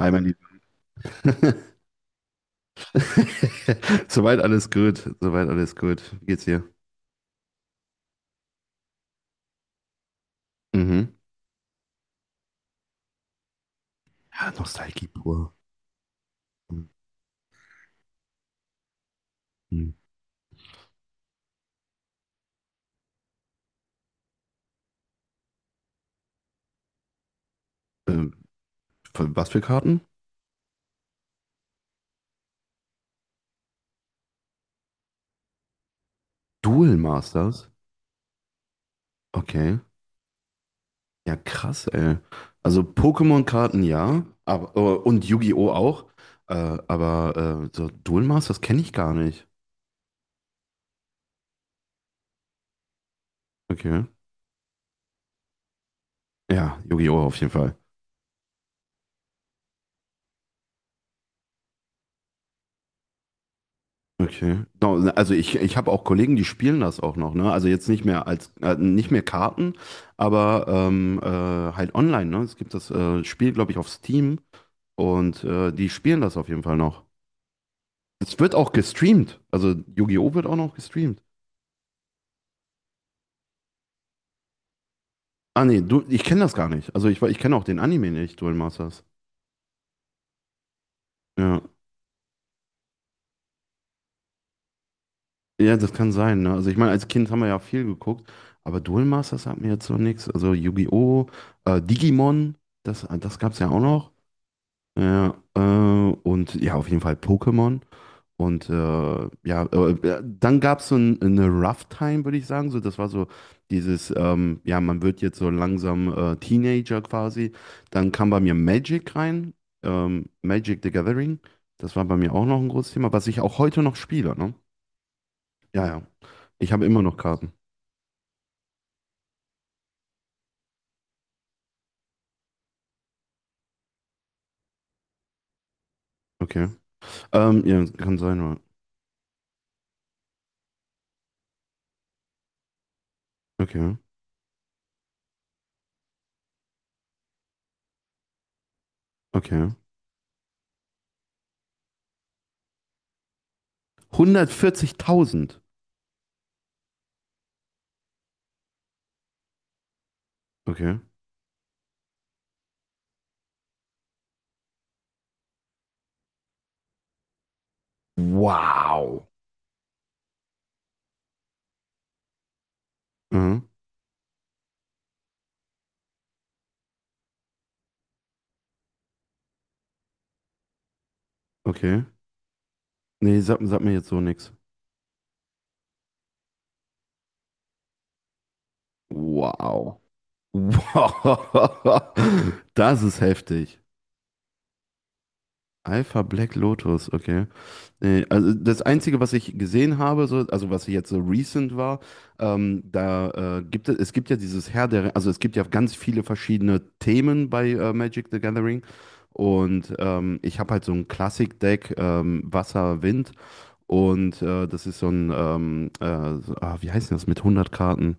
Hi, mein Lieber. Soweit alles gut. Soweit alles gut. Wie geht's dir? Mhm. Ja, Nostalgie pur. Mhm. Ähm, Was für Karten? Duel Masters? Okay. Ja, krass, ey. Also Pokémon-Karten ja, aber, und Yu-Gi-Oh! Auch. Aber so Duel Masters kenne ich gar nicht. Okay. Ja, Yu-Gi-Oh! Auf jeden Fall. Okay. No, ne, also ich habe auch Kollegen, die spielen das auch noch, ne? Also jetzt nicht mehr Karten, aber halt online, ne? Es gibt das Spiel, glaube ich, auf Steam und die spielen das auf jeden Fall noch. Es wird auch gestreamt. Also Yu-Gi-Oh! Wird auch noch gestreamt. Ah nee, du, ich kenne das gar nicht. Also ich kenne auch den Anime nicht, Duel Masters. Ja. Ja, das kann sein, ne? Also ich meine, als Kind haben wir ja viel geguckt, aber Duel Masters sagt mir jetzt noch nichts. Also Yu-Gi-Oh! Digimon, das gab es ja auch noch. Ja, und ja, auf jeden Fall Pokémon. Und ja, dann gab es so eine Rough Time, würde ich sagen. So, das war so dieses, ja, man wird jetzt so langsam Teenager quasi. Dann kam bei mir Magic rein, Magic the Gathering. Das war bei mir auch noch ein großes Thema, was ich auch heute noch spiele, ne? Ja, ja. Ich habe immer noch Karten. Okay. Ja, kann sein, ja. Okay, okay. 140.000. Okay. Wow. Mhm. Okay. Nee, sag mir jetzt so nichts. Wow. Wow, das ist heftig. Alpha Black Lotus, okay. Nee, also das Einzige, was ich gesehen habe, so, also was jetzt so recent war, da es gibt ja dieses also es gibt ja ganz viele verschiedene Themen bei Magic the Gathering. Und ich habe halt so ein Classic-Deck, Wasser, Wind. Und das ist so wie heißt denn das mit 100 Karten,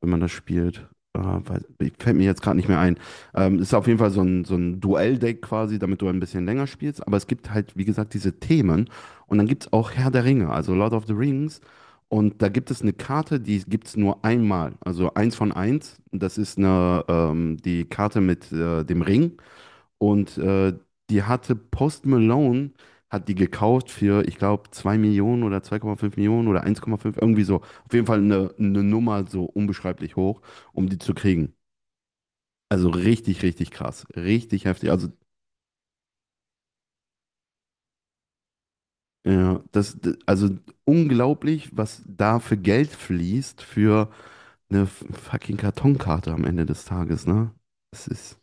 wenn man das spielt? Äh, weiß, Fällt mir jetzt gerade nicht mehr ein. Ist auf jeden Fall so ein Duelldeck quasi, damit du ein bisschen länger spielst. Aber es gibt halt, wie gesagt, diese Themen. Und dann gibt es auch Herr der Ringe, also Lord of the Rings. Und da gibt es eine Karte, die gibt es nur einmal. Also eins von eins. Das ist die Karte mit dem Ring. Und die hatte Post Malone, hat die gekauft für, ich glaube, 2 Millionen oder 2,5 Millionen oder 1,5 irgendwie so. Auf jeden Fall eine Nummer so unbeschreiblich hoch, um die zu kriegen. Also richtig, richtig krass. Richtig heftig. Also, ja, also unglaublich, was da für Geld fließt für eine fucking Kartonkarte am Ende des Tages, ne? Das ist.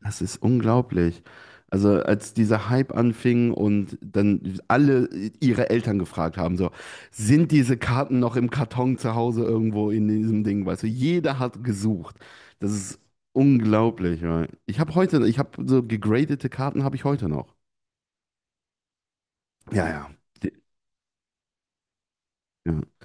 Das ist unglaublich. Also als dieser Hype anfing und dann alle ihre Eltern gefragt haben, so, sind diese Karten noch im Karton zu Hause irgendwo in diesem Ding, weißt du, jeder hat gesucht. Das ist unglaublich. Ja. Ich habe so gegradete Karten habe ich heute noch. Ja, ja. Die- Ja.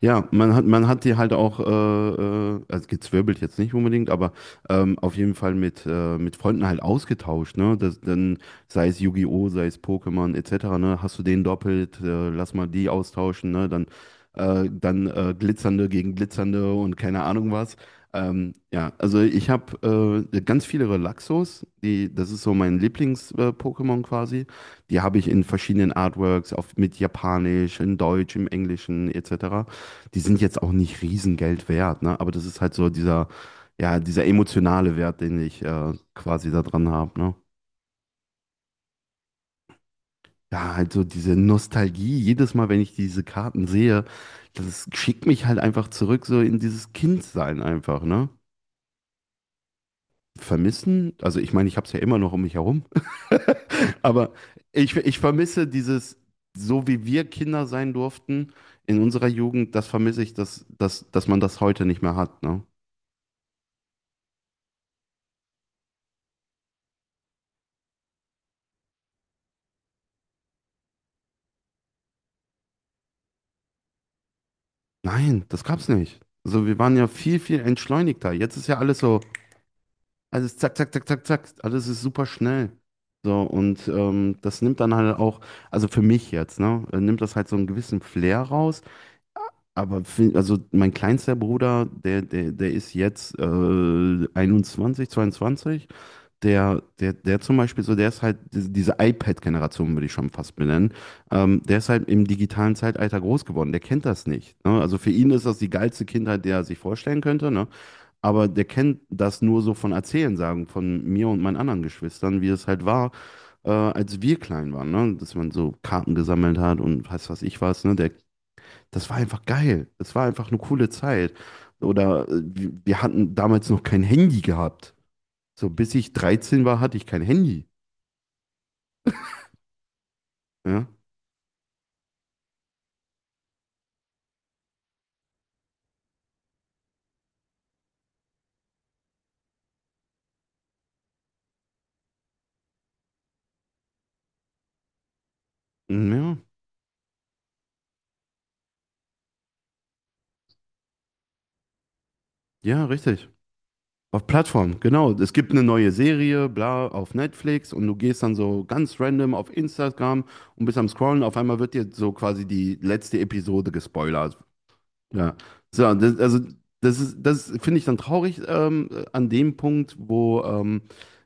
Ja, man hat die halt auch, also gezwirbelt jetzt nicht unbedingt, aber auf jeden Fall mit Freunden halt ausgetauscht, ne? Dann, sei es Yu-Gi-Oh!, sei es Pokémon etc., ne? Hast du den doppelt, lass mal die austauschen, ne? Dann Glitzernde gegen Glitzernde und keine Ahnung was. Ja, also ich habe ganz viele Relaxos, das ist so mein Lieblings-Pokémon quasi. Die habe ich in verschiedenen Artworks, mit Japanisch, in Deutsch, im Englischen etc. Die sind jetzt auch nicht Riesengeld wert, ne? Aber das ist halt so dieser, ja, dieser emotionale Wert, den ich quasi da dran habe, ne? Ja, halt so diese Nostalgie, jedes Mal, wenn ich diese Karten sehe, das schickt mich halt einfach zurück, so in dieses Kindsein einfach, ne? Vermissen, also ich meine, ich habe es ja immer noch um mich herum, aber ich vermisse dieses, so wie wir Kinder sein durften in unserer Jugend, das vermisse ich, dass man das heute nicht mehr hat, ne? Nein, das gab's nicht. Also wir waren ja viel, viel entschleunigter. Jetzt ist ja alles so, alles zack, zack, zack, zack, zack, alles ist super schnell. So, und das nimmt dann halt auch, also für mich jetzt, ne, nimmt das halt so einen gewissen Flair raus. Aber also mein kleinster Bruder, der ist jetzt 21, 22. Der zum Beispiel so, der ist halt diese iPad-Generation, würde ich schon fast benennen. Der ist halt im digitalen Zeitalter groß geworden. Der kennt das nicht. Ne? Also für ihn ist das die geilste Kindheit, die er sich vorstellen könnte. Ne? Aber der kennt das nur so von Erzählen, sagen, von mir und meinen anderen Geschwistern, wie es halt war, als wir klein waren. Ne? Dass man so Karten gesammelt hat und weiß was ich was. Ne? Das war einfach geil. Das war einfach eine coole Zeit. Oder wir hatten damals noch kein Handy gehabt. So, bis ich 13 war, hatte ich kein Handy. Ja, hm, ja, ja, richtig. Auf Plattform, genau. Es gibt eine neue Serie, bla, auf Netflix und du gehst dann so ganz random auf Instagram und bist am Scrollen. Auf einmal wird dir so quasi die letzte Episode gespoilert. Ja, so, das, also das ist, das finde ich dann traurig an dem Punkt, wo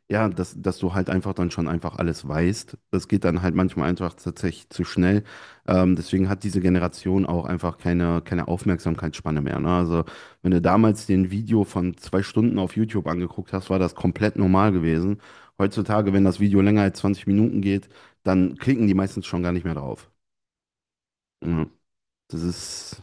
ja, dass du halt einfach dann schon einfach alles weißt. Das geht dann halt manchmal einfach tatsächlich zu schnell. Deswegen hat diese Generation auch einfach keine Aufmerksamkeitsspanne mehr. Ne? Also wenn du damals den Video von 2 Stunden auf YouTube angeguckt hast, war das komplett normal gewesen. Heutzutage, wenn das Video länger als 20 Minuten geht, dann klicken die meistens schon gar nicht mehr drauf. Ja, das ist,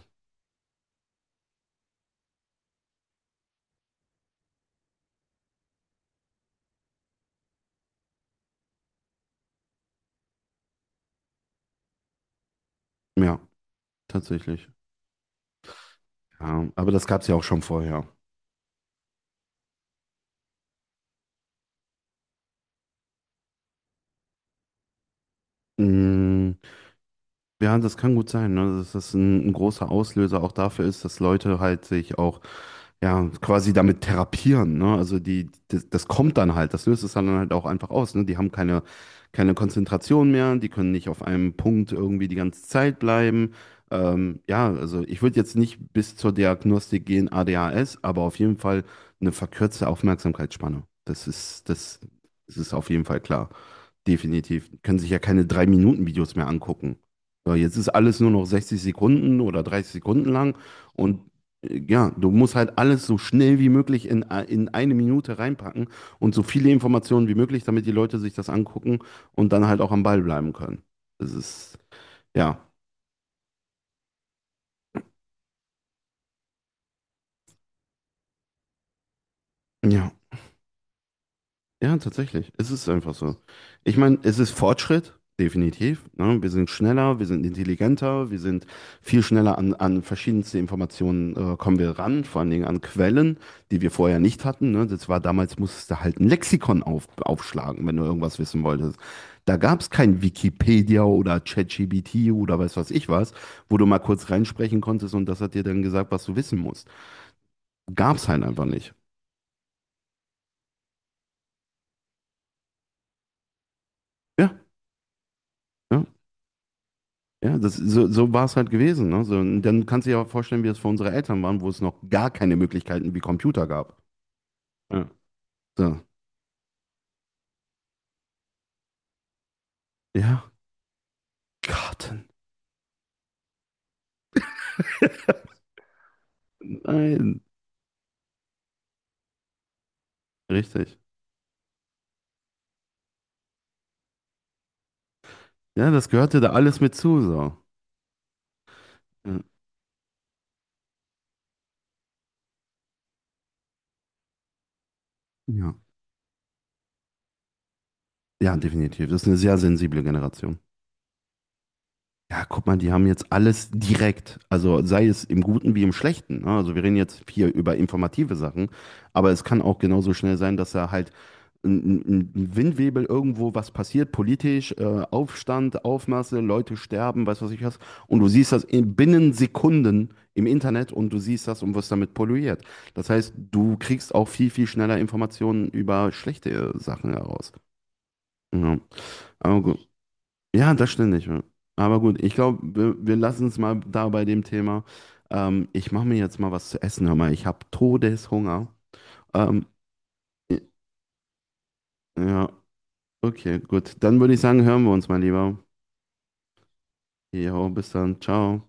ja, tatsächlich. Ja, aber das gab es ja auch schon vorher. Mm, ja, das kann gut sein, ne? Dass das ein großer Auslöser auch dafür ist, dass Leute halt sich auch ja quasi damit therapieren. Ne? Also das kommt dann halt, das löst es dann halt auch einfach aus. Ne? Die haben keine Konzentration mehr, die können nicht auf einem Punkt irgendwie die ganze Zeit bleiben. Ja, also ich würde jetzt nicht bis zur Diagnostik gehen, ADHS, aber auf jeden Fall eine verkürzte Aufmerksamkeitsspanne. Das ist auf jeden Fall klar. Definitiv. Können sich ja keine 3 Minuten Videos mehr angucken. So, jetzt ist alles nur noch 60 Sekunden oder 30 Sekunden lang und ja, du musst halt alles so schnell wie möglich in eine Minute reinpacken und so viele Informationen wie möglich, damit die Leute sich das angucken und dann halt auch am Ball bleiben können. Das ist, ja. Ja. Ja, tatsächlich. Es ist einfach so. Ich meine, es ist Fortschritt, definitiv. Ne? Wir sind schneller, wir sind intelligenter, wir sind viel schneller an verschiedenste Informationen kommen wir ran, vor allen Dingen an Quellen, die wir vorher nicht hatten. Ne? Das war damals, musstest du halt ein Lexikon aufschlagen, wenn du irgendwas wissen wolltest. Da gab es kein Wikipedia oder ChatGPT oder weiß was ich was, wo du mal kurz reinsprechen konntest und das hat dir dann gesagt, was du wissen musst. Gab es halt einfach nicht. Ja, ja. Ja, so war es halt gewesen. Ne? So, und dann kannst du dir ja vorstellen, wie es für unsere Eltern waren, wo es noch gar keine Möglichkeiten wie Computer gab. Ja, so. Ja, Garten. Nein, richtig. Ja, das gehörte da alles mit zu. So. Ja. Ja, ja, definitiv. Das ist eine sehr sensible Generation. Ja, guck mal, die haben jetzt alles direkt, also sei es im Guten wie im Schlechten, ne? Also wir reden jetzt hier über informative Sachen, aber es kann auch genauso schnell sein, dass da halt ein, ein Windwebel irgendwo was passiert, politisch, Aufstand, Aufmaße, Leute sterben, weiß was ich was. Und du siehst das binnen Sekunden im Internet und du siehst das und wirst damit polluiert. Das heißt, du kriegst auch viel, viel schneller Informationen über schlechte Sachen heraus. Ja. Aber gut. Ja, das stimmt nicht. Ja. Aber gut, ich glaube, wir lassen es mal da bei dem Thema. Ich mache mir jetzt mal was zu essen, hör mal. Ich habe Todeshunger. Ähm, ja, okay, gut. Dann würde ich sagen, hören wir uns mal lieber. Jo, bis dann. Ciao.